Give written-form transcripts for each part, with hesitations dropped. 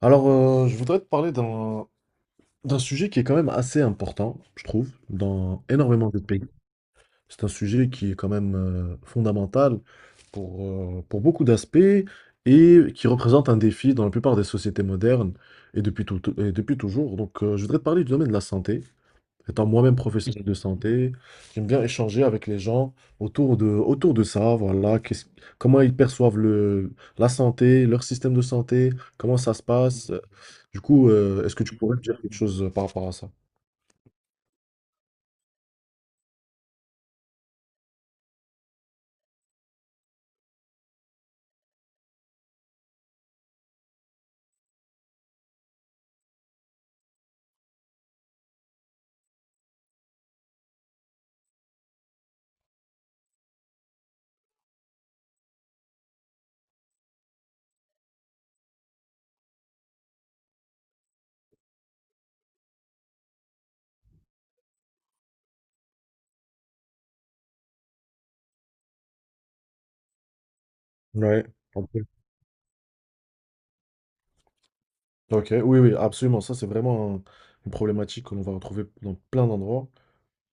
Je voudrais te parler d'un sujet qui est quand même assez important, je trouve, dans énormément de pays. C'est un sujet qui est quand même fondamental pour beaucoup d'aspects et qui représente un défi dans la plupart des sociétés modernes et et depuis toujours. Je voudrais te parler du domaine de la santé. Étant moi-même professionnel de santé, j'aime bien échanger avec les gens autour de ça, voilà, comment ils perçoivent la santé, leur système de santé, comment ça se passe. Du coup, est-ce que tu pourrais me dire quelque chose par rapport à ça? Ouais. Ok, ok, oui, oui, absolument. Ça, c'est vraiment un- une problématique que l'on va retrouver dans plein d'endroits,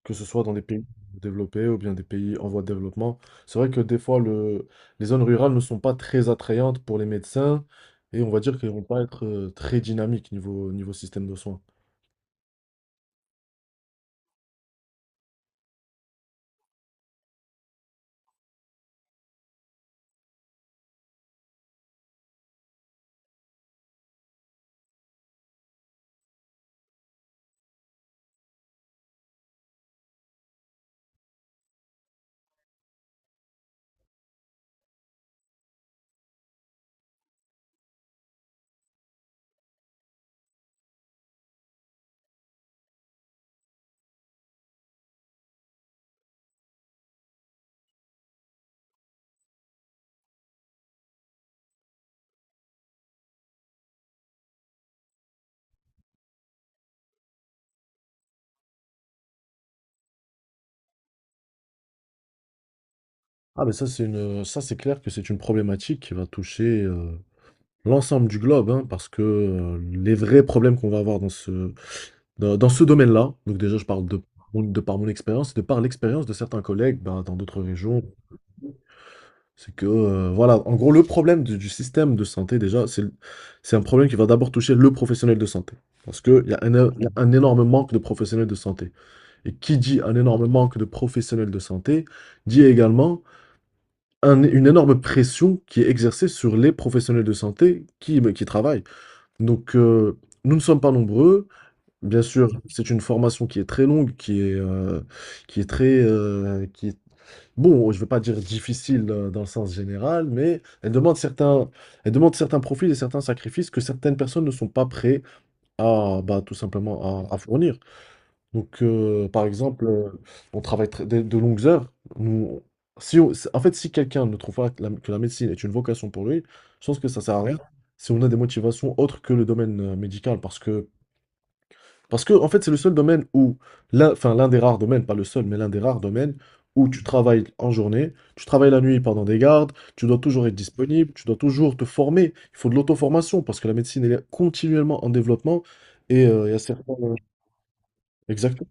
que ce soit dans des pays développés ou bien des pays en voie de développement. C'est vrai que des fois, les zones rurales ne sont pas très attrayantes pour les médecins et on va dire qu'elles vont pas être très dynamiques niveau système de soins. Ah, mais ça, ça, c'est clair que c'est une problématique qui va toucher l'ensemble du globe, hein, parce que les vrais problèmes qu'on va avoir dans ce domaine-là. Donc déjà, je parle de, mon- de par mon expérience, et de par l'expérience de certains collègues, bah, dans d'autres régions, c'est que, voilà, en gros, le problème du système de santé, déjà, c'est un problème qui va d'abord toucher le professionnel de santé. Parce qu'il y a un, il y a un énorme manque de professionnels de santé. Et qui dit un énorme manque de professionnels de santé, dit également une énorme pression qui est exercée sur les professionnels de santé qui travaillent. Donc, nous ne sommes pas nombreux. Bien sûr, c'est une formation qui est très longue, qui est très, qui est bon, je ne veux pas dire difficile dans le sens général, mais elle demande elle demande certains profils et certains sacrifices que certaines personnes ne sont pas prêtes à, bah, tout simplement à fournir. Donc, par exemple, on travaille de longues heures. Nous, si, en fait, si quelqu'un ne trouve pas que la médecine est une vocation pour lui, je pense que ça sert à rien si on a des motivations autres que le domaine médical, parce que, en fait, c'est le seul domaine où, enfin, l'un des rares domaines, pas le seul, mais l'un des rares domaines où tu travailles en journée, tu travailles la nuit pendant des gardes, tu dois toujours être disponible, tu dois toujours te former. Il faut de l'auto-formation parce que la médecine, elle est continuellement en développement. Et il y a certains. Exactement.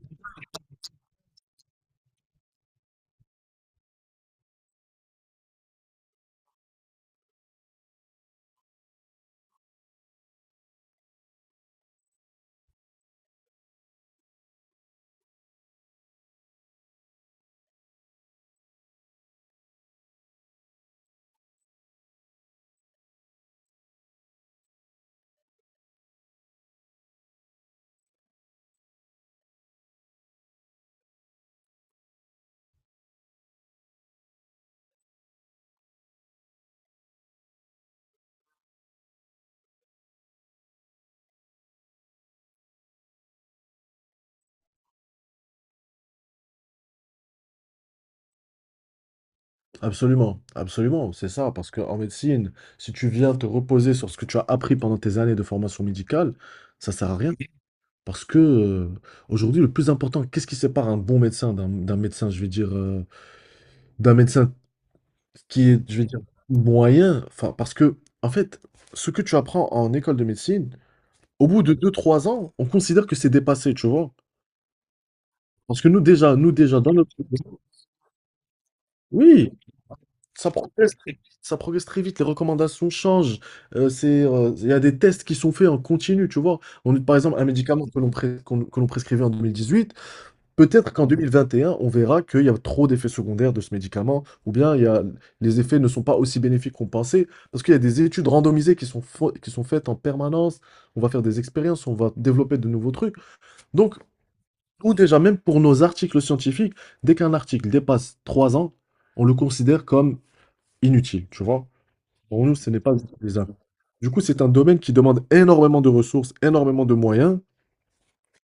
Absolument. Absolument. C'est ça. Parce qu'en médecine, si tu viens te reposer sur ce que tu as appris pendant tes années de formation médicale, ça sert à rien. Parce que aujourd'hui, le plus important, qu'est-ce qui sépare un bon médecin d'un médecin, je vais dire, d'un médecin ce qui est, je vais dire, moyen, enfin, parce que, en fait, ce que tu apprends en école de médecine, au bout de deux trois ans, on considère que c'est dépassé, tu vois. Parce que nous, déjà, dans notre... Oui, ça progresse, ça progresse très vite, les recommandations changent, il y a des tests qui sont faits en continu, tu vois. On, par exemple, un médicament que l'on prescrivait en 2018, peut-être qu'en 2021, on verra qu'il y a trop d'effets secondaires de ce médicament, ou bien les effets ne sont pas aussi bénéfiques qu'on pensait, parce qu'il y a des études randomisées qui sont faites en permanence, on va faire des expériences, on va développer de nouveaux trucs. Donc, nous déjà, même pour nos articles scientifiques, dès qu'un article dépasse 3 ans, on le considère comme inutile, tu vois. Pour nous, ce n'est pas utilisable. Du coup, c'est un domaine qui demande énormément de ressources, énormément de moyens,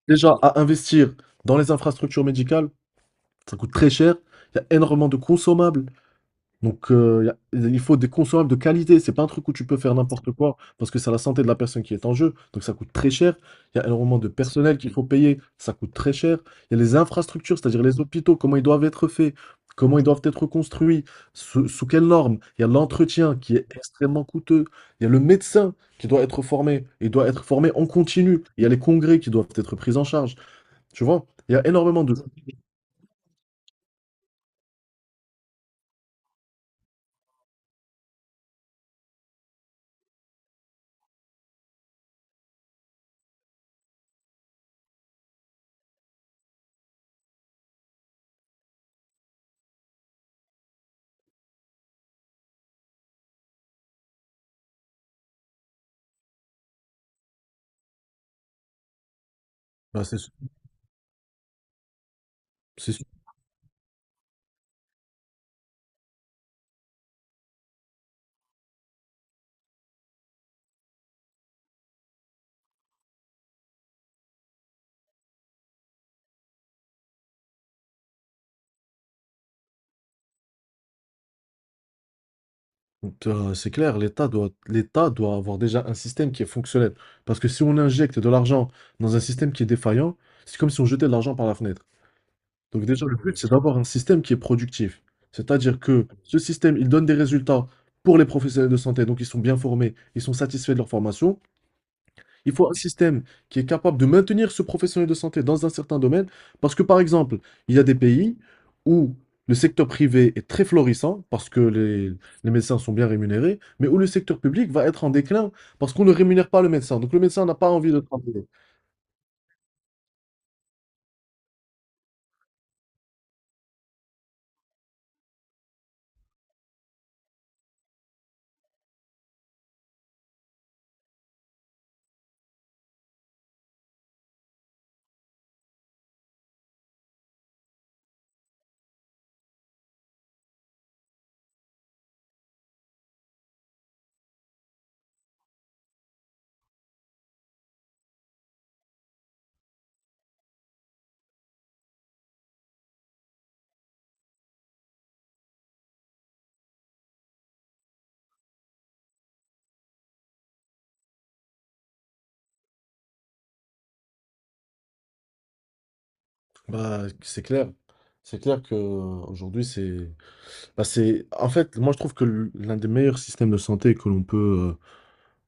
déjà à investir dans les infrastructures médicales. Ça coûte très cher. Il y a énormément de consommables. Donc, il faut des consommables de qualité. C'est pas un truc où tu peux faire n'importe quoi parce que c'est la santé de la personne qui est en jeu. Donc, ça coûte très cher. Il y a énormément de personnel qu'il faut payer. Ça coûte très cher. Il y a les infrastructures, c'est-à-dire les hôpitaux, comment ils doivent être faits, comment ils doivent être construits, sous quelles normes. Il y a l'entretien qui est extrêmement coûteux. Il y a le médecin qui doit être formé. Il doit être formé en continu. Il y a les congrès qui doivent être pris en charge. Tu vois, il y a énormément de... Bah, c'est Donc, c'est clair, l'État doit avoir déjà un système qui est fonctionnel. Parce que si on injecte de l'argent dans un système qui est défaillant, c'est comme si on jetait de l'argent par la fenêtre. Donc déjà, le but, c'est d'avoir un système qui est productif. C'est-à-dire que ce système, il donne des résultats pour les professionnels de santé, donc ils sont bien formés, ils sont satisfaits de leur formation. Il faut un système qui est capable de maintenir ce professionnel de santé dans un certain domaine, parce que par exemple, il y a des pays où le secteur privé est très florissant, parce que les médecins sont bien rémunérés, mais où le secteur public va être en déclin, parce qu'on ne rémunère pas le médecin. Donc le médecin n'a pas envie de travailler. Bah, c'est clair. C'est clair que aujourd'hui c'est bah, c'est en fait, moi je trouve que l'un des meilleurs systèmes de santé que l'on peut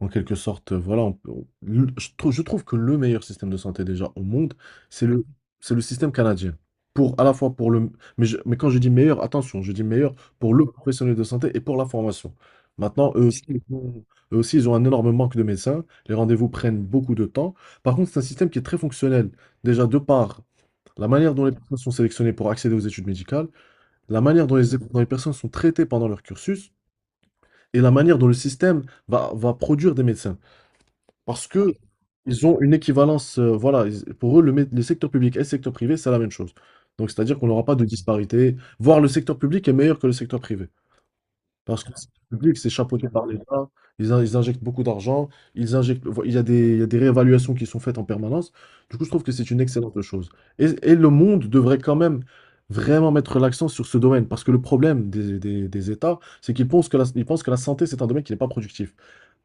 en quelque sorte, voilà, on peut on le je trou je trouve que le meilleur système de santé déjà au monde, c'est Mmh le c'est le système canadien. Pour à la fois pour le mais je Mais quand je dis meilleur, attention, je dis meilleur pour le professionnel de santé et pour la formation. Maintenant, eux aussi, ils ont un énorme manque de médecins, les rendez-vous prennent beaucoup de temps. Par contre, c'est un système qui est très fonctionnel. Déjà de par la manière dont les personnes sont sélectionnées pour accéder aux études médicales, la manière dont les personnes sont traitées pendant leur cursus et la manière dont le système va produire des médecins. Parce que ils ont une équivalence, voilà, pour eux, le secteur public et le secteur privé, c'est la même chose. Donc, c'est-à-dire qu'on n'aura pas de disparité, voire le secteur public est meilleur que le secteur privé. Parce que le secteur public, c'est chapeauté par l'État, ils injectent beaucoup d'argent, ils injectent, vo- il y a des, il y a des réévaluations qui sont faites en permanence. Du coup, je trouve que c'est une excellente chose. Et le monde devrait quand même vraiment mettre l'accent sur ce domaine, parce que le problème des États, c'est qu'ils pensent que la, ils pensent que la santé, c'est un domaine qui n'est pas productif.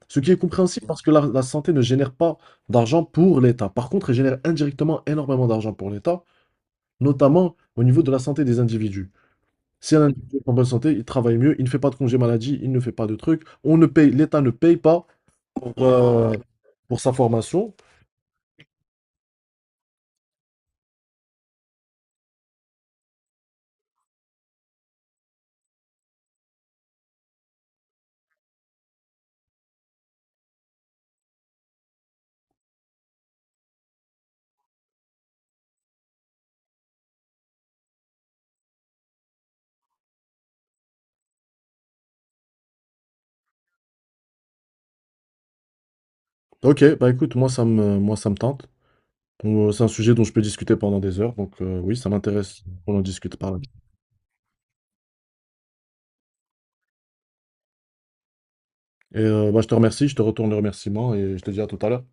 Ce qui est compréhensible parce que la santé ne génère pas d'argent pour l'État. Par contre, elle génère indirectement énormément d'argent pour l'État, notamment au niveau de la santé des individus. Si un individu est en bonne santé, il travaille mieux, il ne fait pas de congé maladie, il ne fait pas de trucs. On ne paye, L'État ne paye pas pour, euh, pour sa formation. Ok, bah écoute, moi ça me tente. C'est un sujet dont je peux discuter pendant des heures, donc oui, ça m'intéresse qu'on en discute par là. Et bah, je te remercie, je te retourne le remerciement et je te dis à tout à l'heure.